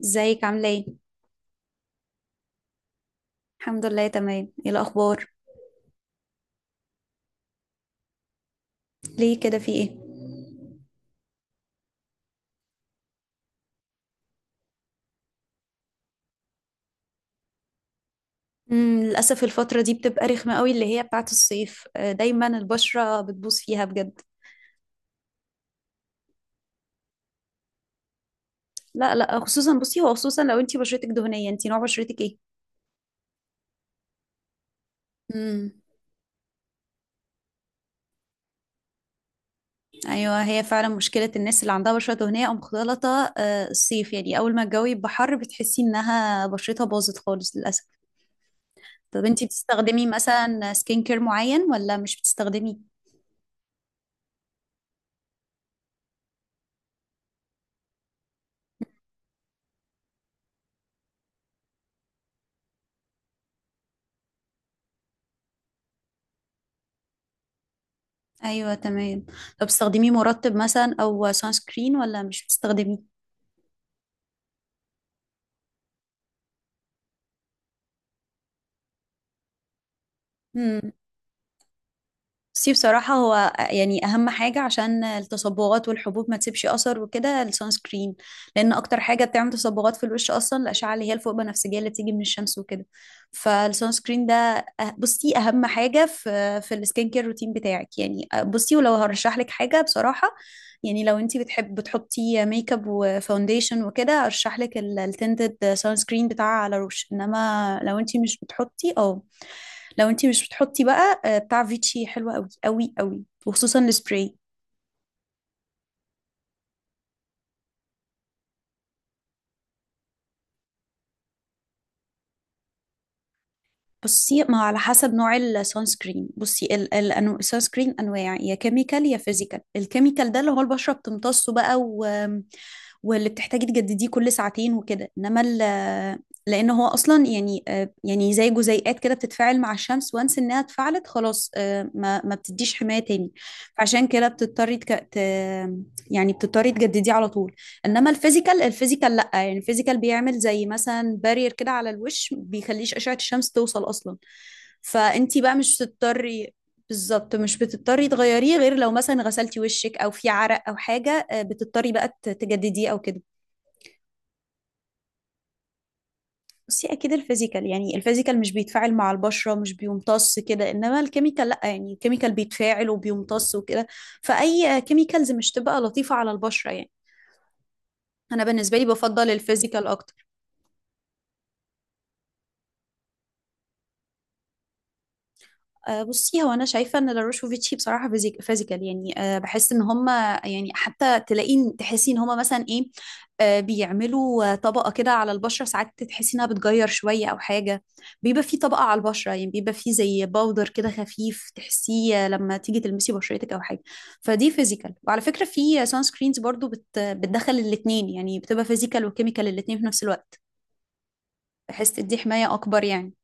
ازيك عاملة ايه؟ الحمد لله تمام ايه الأخبار؟ ليه كده في ايه؟ للأسف الفترة دي بتبقى رخمة قوي اللي هي بتاعت الصيف، دايما البشرة بتبوظ فيها بجد. لا لا، خصوصا بصي، هو خصوصا لو انتي بشرتك دهنية. انتي نوع بشرتك ايه؟ مم. ايوه، هي فعلا مشكلة الناس اللي عندها بشرة دهنية او مختلطة، الصيف، يعني اول ما الجو يبقى حر بتحسي انها بشرتها باظت خالص للأسف. طب انتي بتستخدمي مثلا سكين كير معين ولا مش بتستخدمي؟ ايوه تمام. طب بتستخدمي مرطب مثلا او سان سكرين ولا مش بتستخدميه؟ بصي بصراحة، هو يعني أهم حاجة عشان التصبغات والحبوب ما تسيبش أثر وكده السان سكرين. لأن أكتر حاجة بتعمل تصبغات في الوش أصلا الأشعة اللي هي الفوق بنفسجية اللي بتيجي من الشمس وكده. فالسان سكرين ده بصي أهم حاجة في السكين كير روتين بتاعك، يعني بصي، ولو هرشح لك حاجة بصراحة، يعني لو أنت بتحب بتحطي ميك اب وفاونديشن وكده أرشح لك التنتد سان سكرين بتاع على روش، إنما لو أنت مش بتحطي أو لو انتي مش بتحطي بقى، بتاع فيتشي حلو قوي قوي قوي، وخصوصا السبراي. بصي ما هو على حسب نوع السان سكرين. بصي، السان سكرين انواع، يا كيميكال يا فيزيكال. الكيميكال ده اللي هو البشره بتمتصه بقى، واللي بتحتاجي تجدديه كل ساعتين وكده، انما لان هو اصلا، يعني يعني زي جزيئات كده بتتفاعل مع الشمس، وانس انها اتفعلت خلاص، ما بتديش حمايه تاني. فعشان كده بتضطري يعني بتضطري تجدديه على طول. انما الفيزيكال، الفيزيكال لا، يعني الفيزيكال بيعمل زي مثلا بارير كده على الوش، بيخليش اشعة الشمس توصل اصلا. فانتي بقى مش بتضطري. بالظبط، مش بتضطري تغيريه، غير لو مثلا غسلتي وشك او في عرق او حاجة، بتضطري بقى تجدديه او كده. بس هي اكيد الفيزيكال، يعني الفيزيكال مش بيتفاعل مع البشرة، مش بيمتص كده، انما الكيميكال لا، يعني الكيميكال بيتفاعل وبيمتص وكده. فاي كيميكالز مش تبقى لطيفة على البشرة يعني. انا بالنسبة لي بفضل الفيزيكال اكتر. بصي هو انا شايفه ان لاروشوفيتشي بصراحه فيزيكال، يعني بحس ان هم، يعني حتى تلاقين تحسي ان هم مثلا ايه، بيعملوا طبقه كده على البشره، ساعات تحسي انها بتغير شويه او حاجه. بيبقى في طبقه على البشره، يعني بيبقى في زي باودر كده خفيف تحسيه، لما تيجي تلمسي بشرتك او حاجه. فدي فيزيكال، وعلى فكره في سان سكرينز برضو بتدخل الاثنين، يعني بتبقى فيزيكال وكيميكال الاثنين في نفس الوقت، بحيث تدي حمايه اكبر يعني.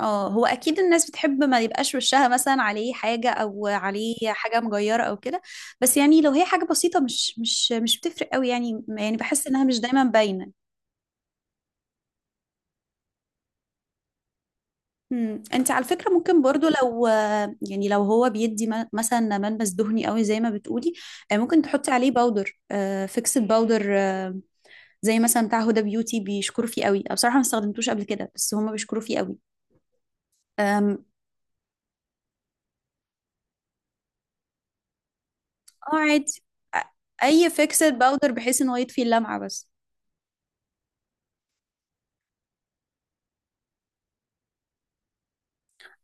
اه، هو اكيد الناس بتحب ما يبقاش وشها مثلا عليه حاجه او عليه حاجه مجيره او كده. بس يعني لو هي حاجه بسيطه، مش بتفرق قوي يعني، يعني بحس انها مش دايما باينه. انت على فكره ممكن برضو لو، يعني لو هو بيدي مثلا ملمس دهني قوي زي ما بتقولي، ممكن تحطي عليه باودر، فيكسد باودر، زي مثلا بتاع هدى بيوتي، بيشكروا فيه قوي. أنا بصراحه ما استخدمتوش قبل كده، بس هما بيشكروا فيه قوي. أم، اه عادي. أ- اي فيكسد باودر بحيث ان هو يطفي اللمعه بس.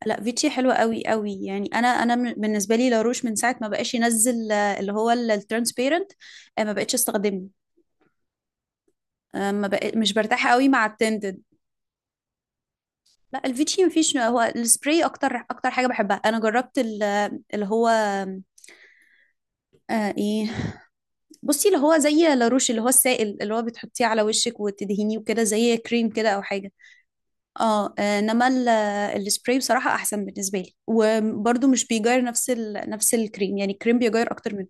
لا، فيتشي حلوة قوي قوي، يعني انا انا بالنسبه لي لاروش من ساعه ما بقاش ينزل، اللي هو الترانسبيرنت، ما بقتش استخدمه. آه، ما بق... مش برتاحه قوي مع التنتد. لا، الفيتشي مفيش، هو السبراي اكتر اكتر حاجه بحبها. انا جربت اللي هو، آه ايه بصي اللي هو زي لاروش، اللي هو السائل اللي هو بتحطيه على وشك وتدهنيه وكده، زي كريم كده او حاجه. انما السبراي بصراحه احسن بالنسبه لي. وبرده مش بيغير نفس نفس الكريم، يعني الكريم بيغير اكتر من.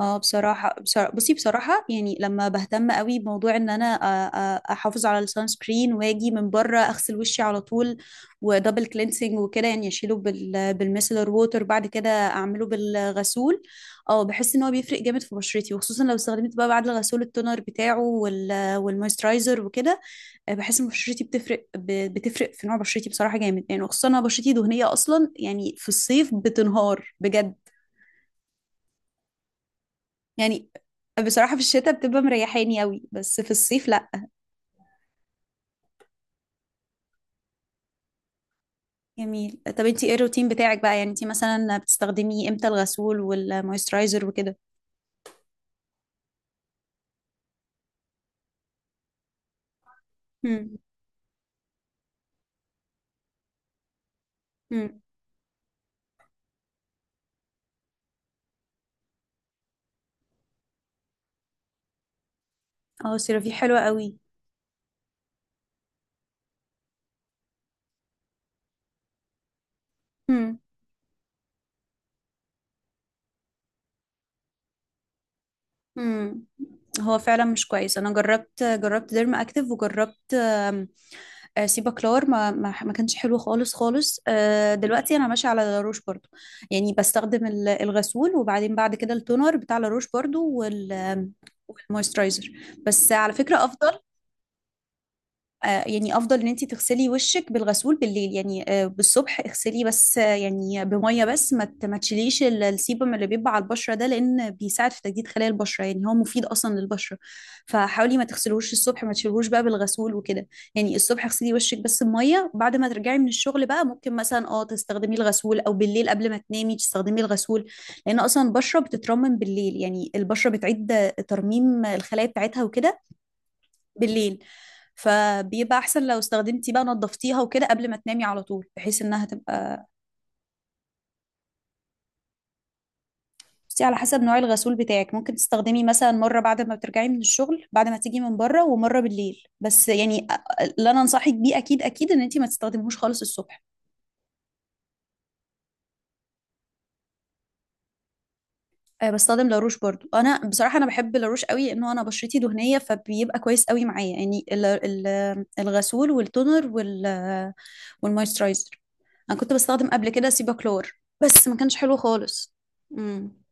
بصراحة يعني لما بهتم قوي بموضوع ان انا احافظ على السان سكرين، واجي من بره اغسل وشي على طول ودبل كلينسنج وكده، يعني اشيله بالميسلر ووتر، بعد كده اعمله بالغسول. اه بحس ان هو بيفرق جامد في بشرتي، وخصوصا لو استخدمت بقى بعد الغسول التونر بتاعه وال والمويسترايزر وكده. بحس ان بشرتي بتفرق، بتفرق في نوع بشرتي بصراحة جامد يعني، وخصوصا انا بشرتي دهنية اصلا، يعني في الصيف بتنهار بجد يعني. بصراحة في الشتاء بتبقى مريحاني قوي، بس في الصيف لا. جميل. طب انتي ايه الروتين بتاعك بقى؟ يعني انتي مثلا بتستخدمي امتى الغسول والمويسترايزر وكده؟ امم. امم. اه، سيرافي حلوة قوي. امم. امم. هو فعلا مش كويس. انا جربت ديرما اكتف، وجربت سيبا كلار، ما كانش حلو خالص خالص. دلوقتي انا ماشيه على لاروش برضو، يعني بستخدم الغسول، وبعدين بعد كده التونر بتاع لاروش برضو، وال والمويسترايزر. بس على فكره افضل. يعني افضل ان انت تغسلي وشك بالغسول بالليل، يعني بالصبح اغسليه بس يعني بميه بس، ما تشيليش السيبم اللي بيبقى على البشره ده، لان بيساعد في تجديد خلايا البشره، يعني هو مفيد اصلا للبشره. فحاولي ما تغسلوش الصبح، ما تشيلوش بقى بالغسول وكده. يعني الصبح اغسلي وشك بس بميه، بعد ما ترجعي من الشغل بقى ممكن مثلا اه تستخدمي الغسول، او بالليل قبل ما تنامي تستخدمي الغسول. لان اصلا البشره بتترمم بالليل، يعني البشره بتعيد ترميم الخلايا بتاعتها وكده بالليل. فبيبقى احسن لو استخدمتي بقى نظفتيها وكده قبل ما تنامي على طول، بحيث انها تبقى. بصي على حسب نوع الغسول بتاعك، ممكن تستخدمي مثلا مرة بعد ما بترجعي من الشغل، بعد ما تيجي من بره، ومرة بالليل بس، يعني اللي انا انصحك بيه اكيد اكيد ان انت ما تستخدمهوش خالص الصبح. بستخدم لاروش برضو. انا بصراحه انا بحب لاروش قوي، انه انا بشرتي دهنيه، فبيبقى كويس قوي معايا يعني، الغسول والتونر وال والمويسترايزر. انا كنت بستخدم قبل كده سيباكلور، بس ما كانش حلو خالص. امم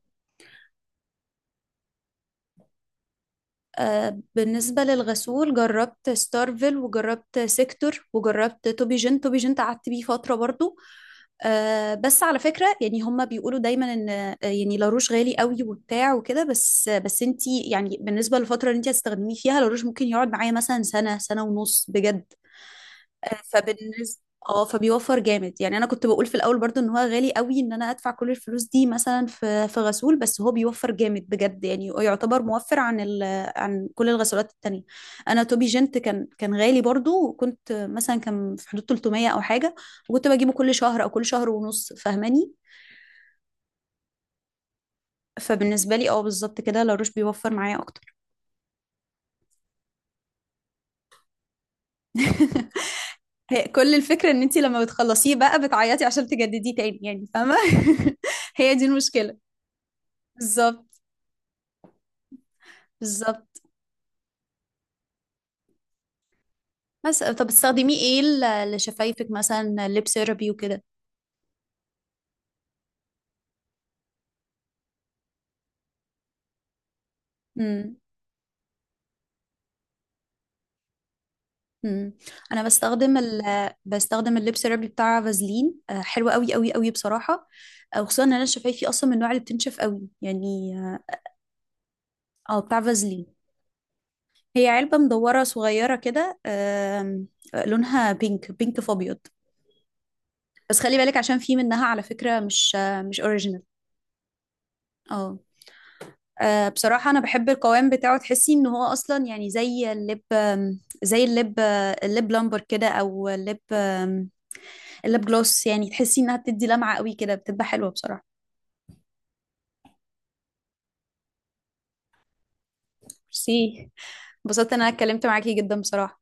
بالنسبة للغسول جربت ستارفل، وجربت سيكتور، وجربت توبي جين. توبي جين قعدت بيه فترة برضو. بس على فكرة، يعني هما بيقولوا دايما ان يعني لاروش غالي قوي وبتاع وكده. بس انتي يعني بالنسبة للفترة اللي انتي هتستخدميه فيها لاروش، ممكن يقعد معايا مثلا سنة سنة ونص بجد. فبالنسبة، اه فبيوفر جامد يعني. انا كنت بقول في الاول برضو ان هو غالي قوي، ان انا ادفع كل الفلوس دي مثلا في غسول، بس هو بيوفر جامد بجد، يعني يعتبر موفر عن عن كل الغسولات التانية. انا توبي جنت كان غالي برضو، وكنت مثلا كان في حدود 300 او حاجة، وكنت بجيبه كل شهر او كل شهر ونص، فاهماني. فبالنسبة لي اه بالظبط كده لاروش بيوفر معايا اكتر. هي كل الفكرة ان انت لما بتخلصيه بقى بتعيطي عشان تجدديه تاني، يعني فاهمة. هي دي المشكلة. بالظبط بالظبط. بس طب بتستخدميه ايه لشفايفك مثلا، ليب سيرابي وكده؟ امم. امم. انا بستخدم ال بستخدم الليب سيرابي بتاع فازلين، حلو قوي قوي قوي بصراحه. وخصوصا ان انا شفايفي اصلا من النوع اللي بتنشف قوي يعني. بتاع فازلين. هي علبه مدوره صغيره كده، آم، آه، لونها بينك بينك في ابيض. بس خلي بالك، عشان في منها على فكره مش، مش اوريجينال. اه بصراحة أنا بحب القوام بتاعه، تحسي إن هو أصلا يعني زي اللب، زي اللب، اللب لامبر كده، أو اللب اللب جلوس، يعني تحسي إنها بتدي لمعة قوي كده، بتبقى حلوة بصراحة. ميرسي. انبسطت إن أنا اتكلمت معاكي جدا بصراحة.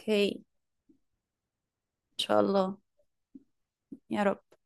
أوكي. إن شاء الله. يا رب.